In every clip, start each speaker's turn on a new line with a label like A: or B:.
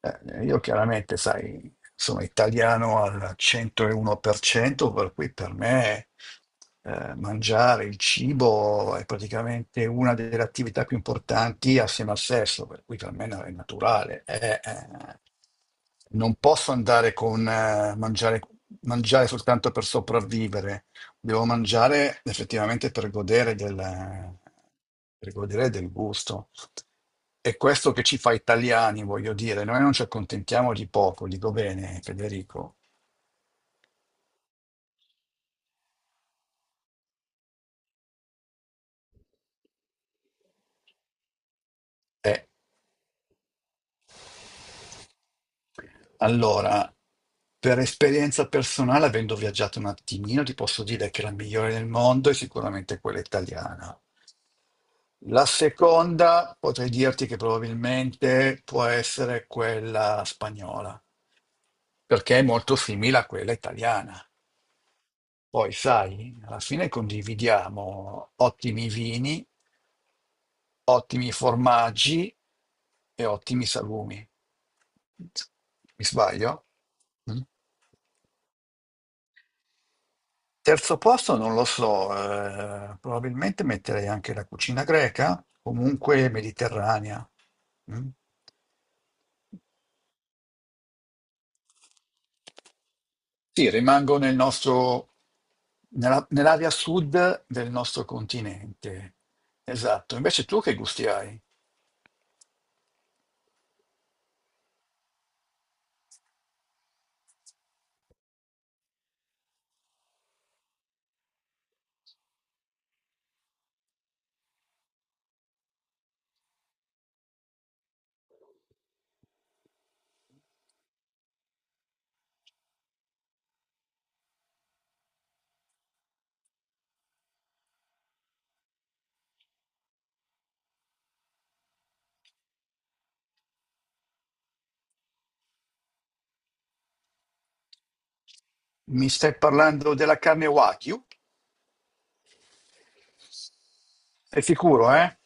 A: Io chiaramente, sai, sono italiano al 101%, per cento, per cui per me mangiare il cibo è praticamente una delle attività più importanti assieme al sesso, per cui per me è naturale. Non posso andare con mangiare soltanto per sopravvivere, devo mangiare effettivamente per godere del gusto. È questo che ci fa italiani, voglio dire, noi non ci accontentiamo di poco, dico bene, Federico. Eh, Allora, per esperienza personale, avendo viaggiato un attimino, ti posso dire che la migliore del mondo è sicuramente quella italiana. La seconda potrei dirti che probabilmente può essere quella spagnola, perché è molto simile a quella italiana. Poi, sai, alla fine condividiamo ottimi vini, ottimi formaggi e ottimi salumi. Mi sbaglio? Mm? Terzo posto non lo so, probabilmente metterei anche la cucina greca, comunque mediterranea. Mm. Sì, rimango nel nostro, nell'area sud del nostro continente. Esatto. Invece tu che gusti hai? Mi stai parlando della carne Wagyu? Sei sicuro, eh?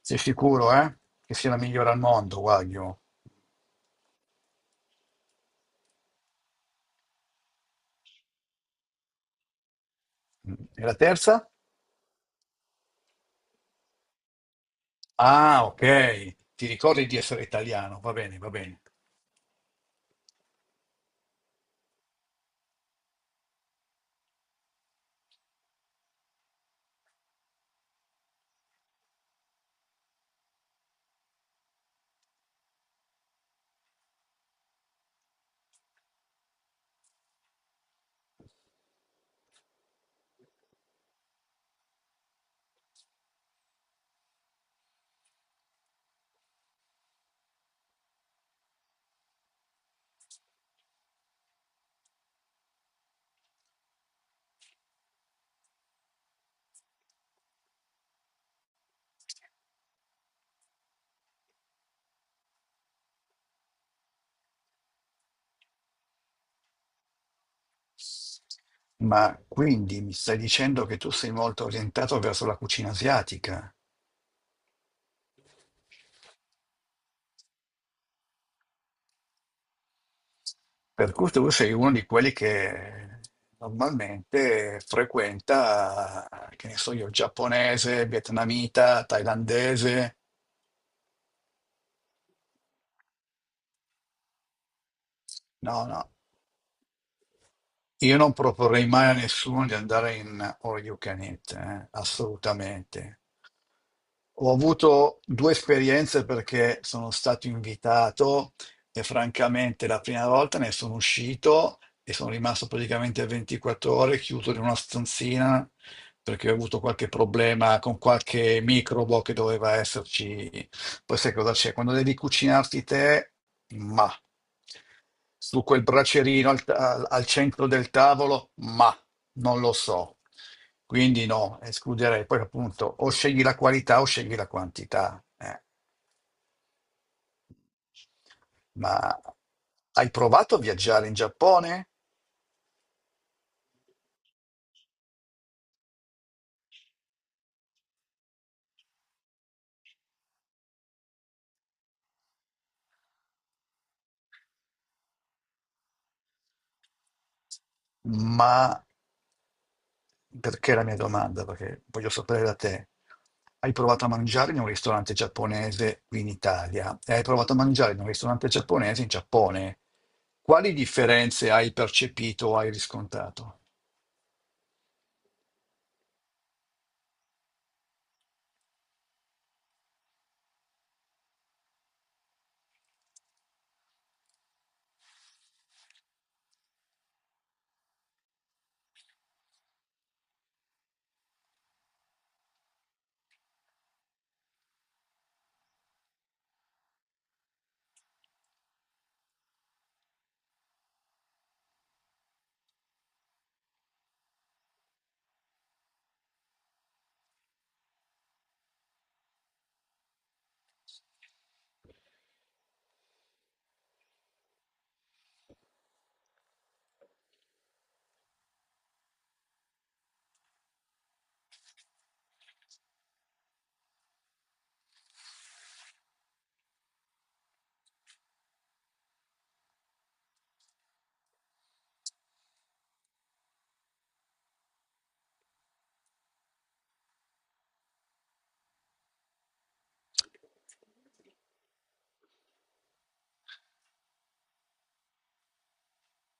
A: Sei sicuro, eh? Che sia la migliore al mondo, Wagyu. Mm. E la terza? Ah, ok. Ti ricordi di essere italiano? Va bene, va bene. Ma quindi mi stai dicendo che tu sei molto orientato verso la cucina asiatica, per cui tu sei uno di quelli che normalmente frequenta, che ne so io, giapponese, vietnamita, thailandese. No, no. Io non proporrei mai a nessuno di andare in all you can eat, assolutamente. Ho avuto due esperienze perché sono stato invitato e francamente la prima volta ne sono uscito e sono rimasto praticamente 24 ore chiuso in una stanzina perché ho avuto qualche problema con qualche microbo che doveva esserci. Poi sai cosa c'è? Quando devi cucinarti te, ma su quel bracerino al, al centro del tavolo, ma non lo so. Quindi no, escluderei. Poi appunto o scegli la qualità o scegli la quantità. Ma hai provato a viaggiare in Giappone? Ma Perché la mia domanda? Perché voglio sapere da te. Hai provato a mangiare in un ristorante giapponese qui in Italia e hai provato a mangiare in un ristorante giapponese in Giappone. Quali differenze hai percepito o hai riscontrato?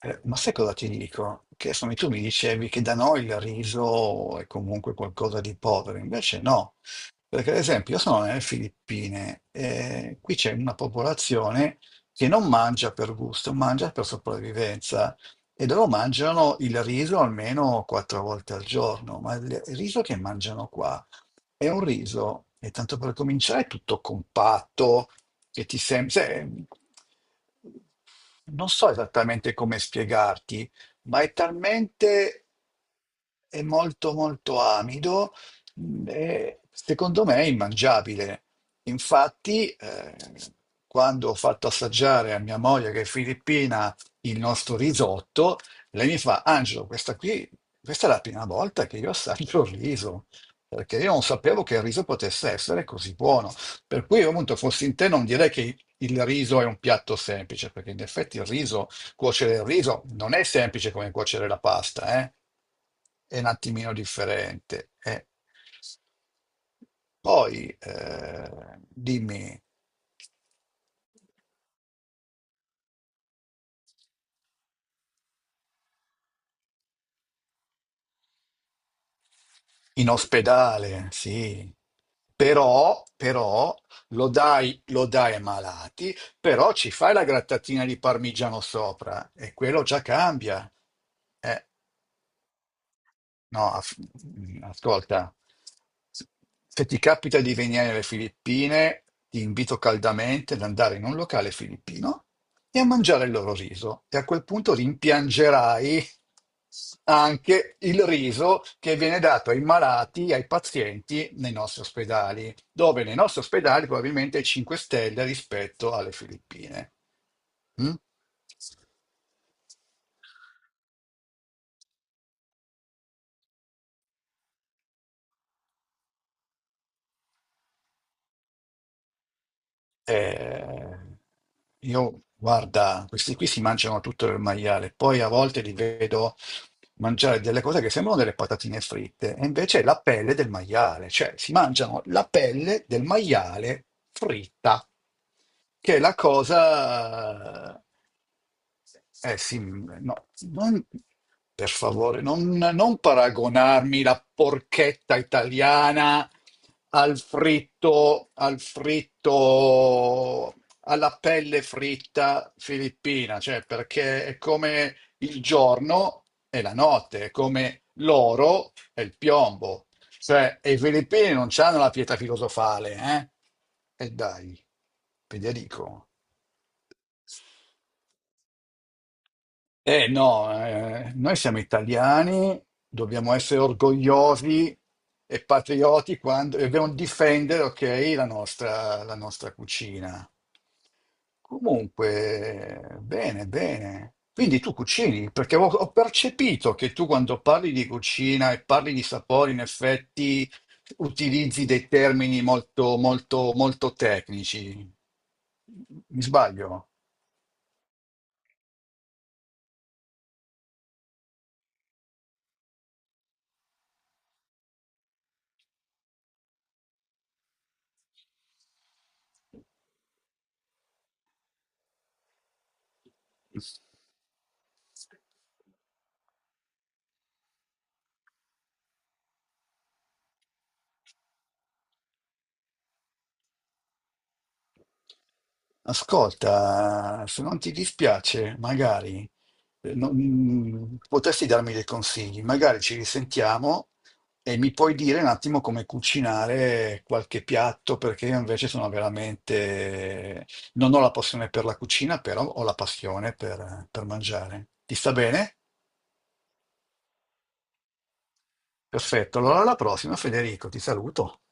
A: Ma sai cosa ti dico? Che insomma, tu mi dicevi che da noi il riso è comunque qualcosa di povero, invece no, perché ad esempio io sono nelle Filippine e qui c'è una popolazione che non mangia per gusto, mangia per sopravvivenza e loro mangiano il riso almeno quattro volte al giorno, ma il riso che mangiano qua è un riso, e tanto per cominciare, è tutto compatto, che ti sembra, non so esattamente come spiegarti, ma è talmente, è molto molto amido, e secondo me è immangiabile. Infatti, quando ho fatto assaggiare a mia moglie che è filippina il nostro risotto, lei mi fa, Angelo, questa qui, questa è la prima volta che io assaggio il riso. Perché io non sapevo che il riso potesse essere così buono. Per cui, appunto, fossi in te, non direi che il riso è un piatto semplice, perché in effetti il riso, cuocere il riso non è semplice come cuocere la pasta, eh? È un attimino differente. Poi, dimmi, in ospedale, sì, però, però lo dai ai malati, però ci fai la grattatina di parmigiano sopra e quello già cambia. Eh. No, ascolta, se ti capita di venire alle Filippine, ti invito caldamente ad andare in un locale filippino e a mangiare il loro riso. E a quel punto rimpiangerai anche il riso che viene dato ai malati, ai pazienti nei nostri ospedali, dove nei nostri ospedali probabilmente è 5 stelle rispetto alle Filippine. Mm? Eh, io, guarda, questi qui si mangiano tutto il maiale, poi a volte li vedo mangiare delle cose che sembrano delle patatine fritte, e invece è la pelle del maiale, cioè si mangiano la pelle del maiale fritta, che è la cosa. Eh sì, no, non- per favore, non paragonarmi la porchetta italiana al fritto, alla pelle fritta filippina, cioè perché è come il giorno e la notte, è come l'oro e il piombo. Cioè, e i filippini non hanno la pietà filosofale, eh? E dai, ve ne dico. Eh no, noi siamo italiani, dobbiamo essere orgogliosi e patrioti quando e dobbiamo difendere, ok, la nostra cucina. Comunque, bene, bene. Quindi tu cucini, perché ho percepito che tu quando parli di cucina e parli di sapori, in effetti utilizzi dei termini molto, molto, molto tecnici. Mi sbaglio? Ascolta, se non ti dispiace, magari potresti darmi dei consigli, magari ci risentiamo e mi puoi dire un attimo come cucinare qualche piatto, perché io invece sono veramente non ho la passione per la cucina, però ho la passione per mangiare. Ti sta bene? Perfetto, allora alla prossima Federico, ti saluto.